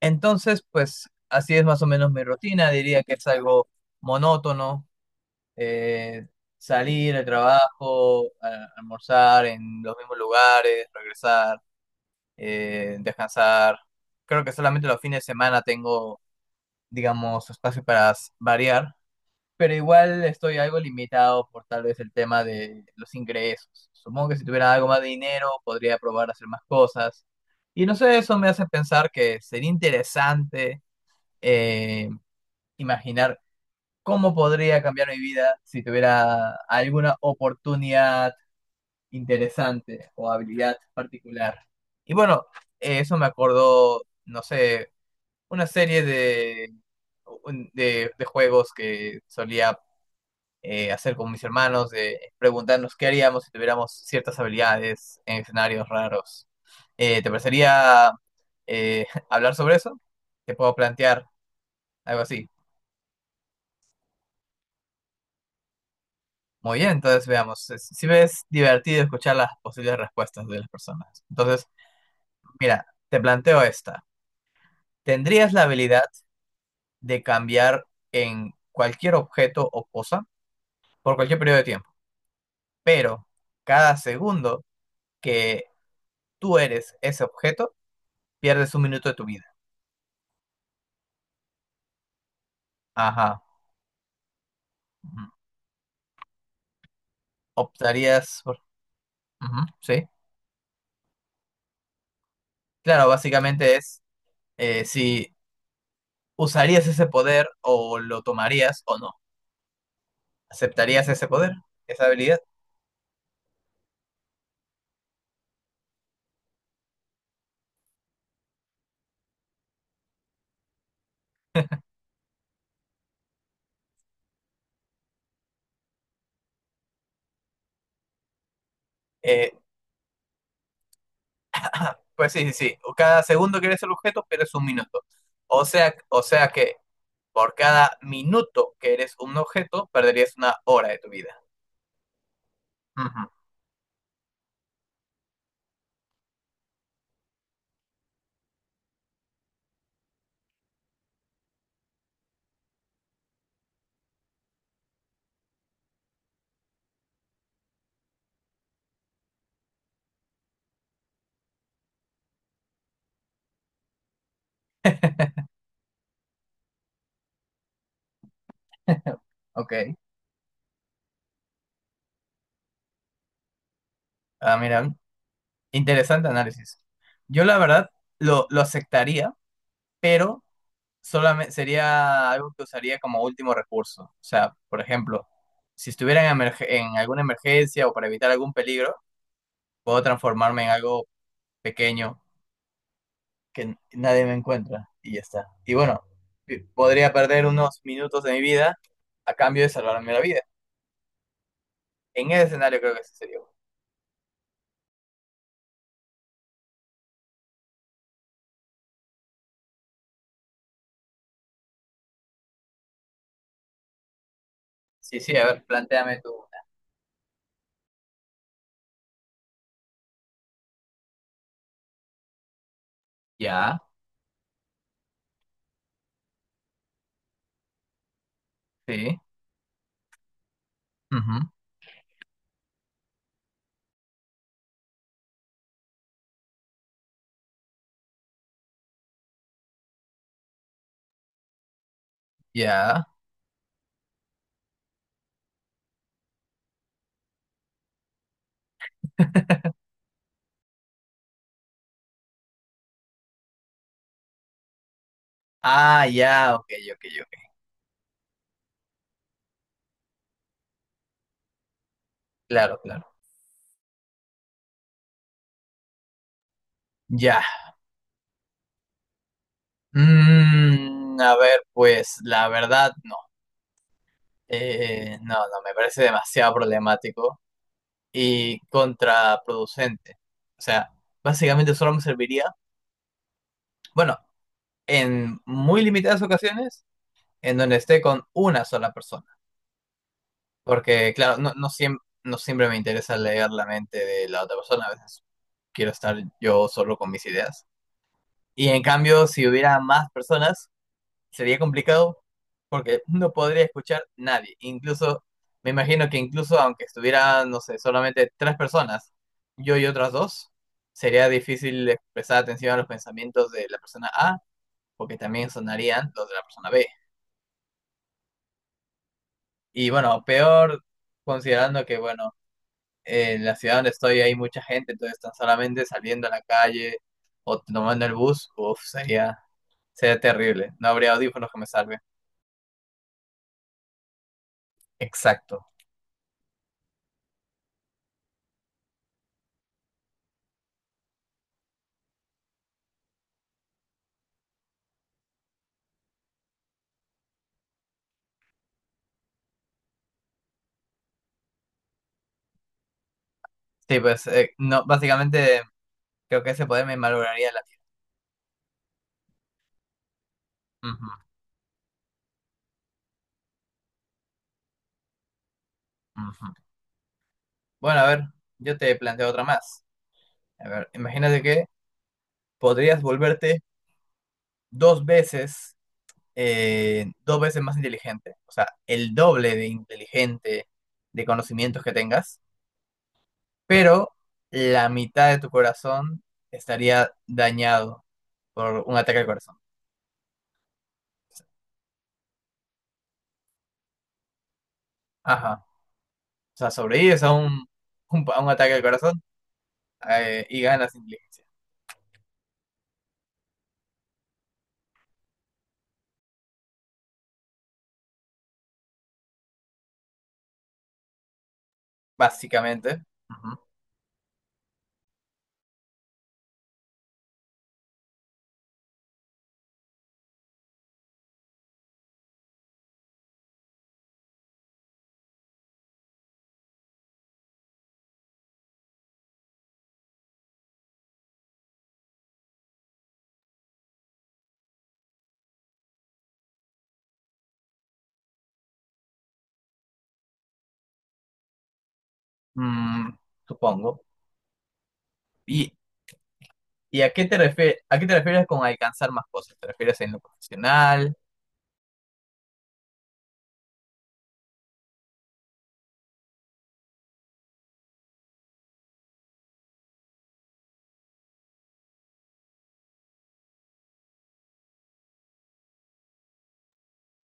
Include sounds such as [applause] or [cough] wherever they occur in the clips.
Entonces, pues así es más o menos mi rutina. Diría que es algo monótono. eh, Salir al trabajo, almorzar en los mismos lugares, regresar, descansar. Creo que solamente los fines de semana tengo, digamos, espacio para variar. Pero igual estoy algo limitado por tal vez el tema de los ingresos. Supongo que si tuviera algo más de dinero podría probar a hacer más cosas. Y no sé, eso me hace pensar que sería interesante, eh, imaginar cómo podría cambiar mi vida si tuviera alguna oportunidad interesante o habilidad particular. Y bueno, eso me acordó, no sé, una serie de, un- de juegos que solía, hacer con mis hermanos, de preguntarnos qué haríamos si tuviéramos ciertas habilidades en escenarios raros. ¿Te parecería, [laughs] hablar sobre eso? Te puedo plantear algo así. Muy bien, entonces veamos. Si ves divertido escuchar las posibles respuestas de las personas. Entonces, mira, te planteo esta. ¿Tendrías la habilidad de cambiar en cualquier objeto o cosa por cualquier periodo de tiempo? Pero cada segundo que tú eres ese objeto, pierdes un minuto de tu vida. Ajá. Ujú. ¿Optarías por...? Ujú, sí. Claro, básicamente es, si usarías ese poder o lo tomarías o no. ¿Aceptarías ese poder, esa habilidad? Eh, Pues sí, sí, sí. O cada segundo que eres el objeto pierdes un minuto. O sea que por cada minuto que eres un objeto, perderías una hora de tu vida. Ujú, ok. Ah, mira, interesante análisis. Yo la verdad lo aceptaría, pero solamente sería algo que usaría como último recurso. O sea, por ejemplo, si estuviera en, en alguna emergencia o para evitar algún peligro, puedo transformarme en algo pequeño que nadie me encuentra y ya está. Y bueno, podría perder unos minutos de mi vida a cambio de salvarme la vida. En ese escenario creo que ese sería. Bueno. Sí, sí, a ver, planteame tú. Ya, sí, ujú, ya. Ah, ya, ok, ok, ok. Claro, claro. Ya. Mm, a ver, pues la verdad, no. No, no, me parece demasiado problemático y contraproducente. O sea, básicamente solo me serviría. Bueno, en muy limitadas ocasiones en donde esté con una sola persona. Porque, claro, no, no, no siempre me interesa leer la mente de la otra persona, a veces quiero estar yo solo con mis ideas. Y en cambio, si hubiera más personas, sería complicado porque [laughs] no podría escuchar nadie. Incluso, me imagino que incluso aunque estuviera, no sé, solamente tres personas, yo y otras dos, sería difícil expresar atención a los pensamientos de la persona A, porque también sonarían los de la persona B. Y bueno, peor considerando que, bueno, en la ciudad donde estoy hay mucha gente, entonces tan solamente saliendo a la calle o tomando el bus, uff, sería, sería terrible. No habría audífonos que me salven. Exacto. Sí, pues, no, básicamente creo que ese poder me malograría la vida. Ujú, ujú. Bueno, a ver, yo te planteo otra más. A ver, imagínate que podrías volverte dos veces, dos veces más inteligente. O sea, el doble de inteligente de conocimientos que tengas pero la mitad de tu corazón estaría dañado por un ataque al corazón. Ajá. O sea, sobrevives a un ataque al corazón, y ganas inteligencia, básicamente. Ujú. Mm, supongo. ¿Y, y a qué a qué te refieres con alcanzar más cosas? ¿Te refieres en lo profesional?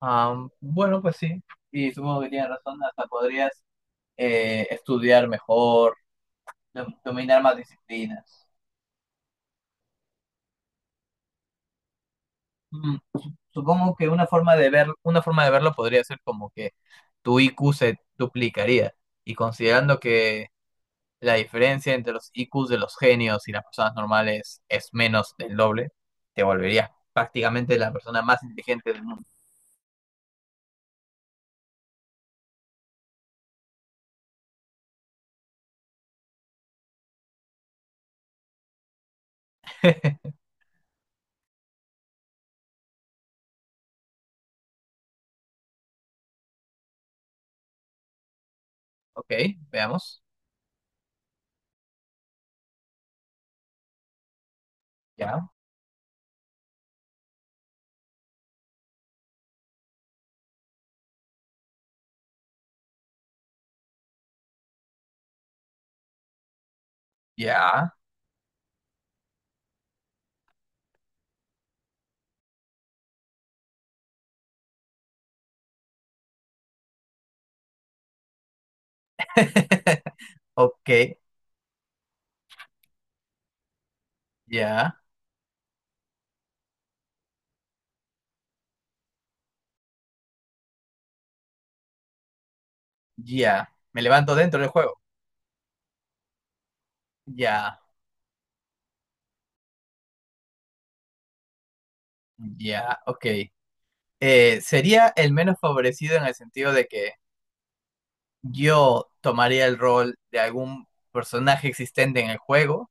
Am, bueno, pues sí. Y supongo que tienes razón, hasta podrías, estudiar mejor, dominar más disciplinas. Mm, supongo que una forma de ver, una forma de verlo podría ser como que tu IQ se duplicaría. Y considerando que la diferencia entre los IQs de los genios y las personas normales es menos del doble, te volverías prácticamente la persona más inteligente del mundo. [laughs] Ok, veamos. Ya, ya. [laughs] Ok, ya, ya. Me levanto dentro del juego. Ya, ya, ok. Sería el menos favorecido en el sentido de que yo tomaría el rol de algún personaje existente en el juego,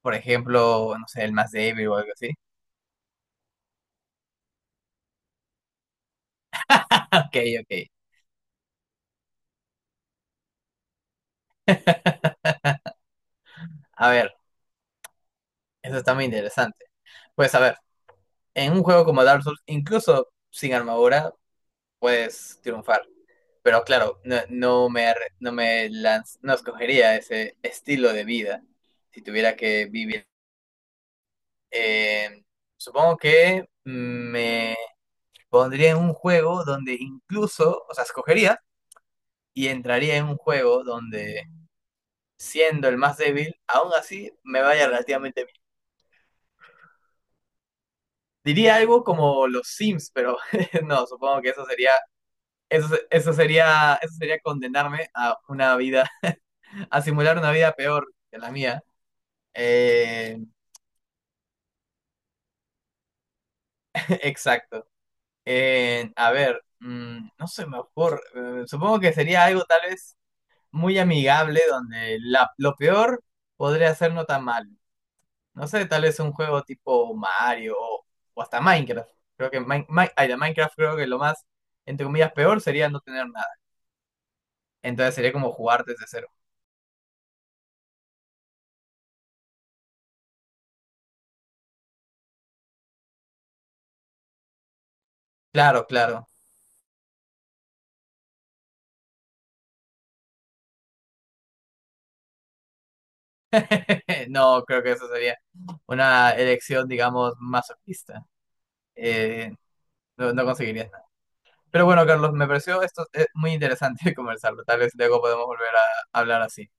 por ejemplo, no sé, el más débil o algo así. [laughs] Ok, ok. A ver, eso está muy interesante. Pues a ver, en un juego como Dark Souls, incluso sin armadura, puedes triunfar. Pero claro, no, no me, arre- no me lanz- no escogería ese estilo de vida si tuviera que vivir. Eh, supongo que me pondría en un juego donde incluso, o sea, escogería y entraría en un juego donde, siendo el más débil, aún así me vaya relativamente bien. Diría algo como los Sims, pero [laughs] no, supongo que eso sería, eso sería condenarme a una vida, [laughs] a simular una vida peor que la mía. Eh, [laughs] exacto. A ver, mm, no se me ocurre. Supongo que sería algo tal vez muy amigable donde la, lo peor podría ser no tan mal. No sé, tal vez un juego tipo Mario o hasta Minecraft. Creo que de Minecraft creo que lo más, entre comillas, peor sería no tener nada. Entonces sería como jugar desde cero. Claro, claro. [laughs] No, creo que eso sería una elección, digamos, masoquista. Eh, no, no conseguirías nada. Pero bueno, Carlos, me pareció esto, muy interesante [laughs] conversarlo. Tal vez luego podemos volver a hablar así.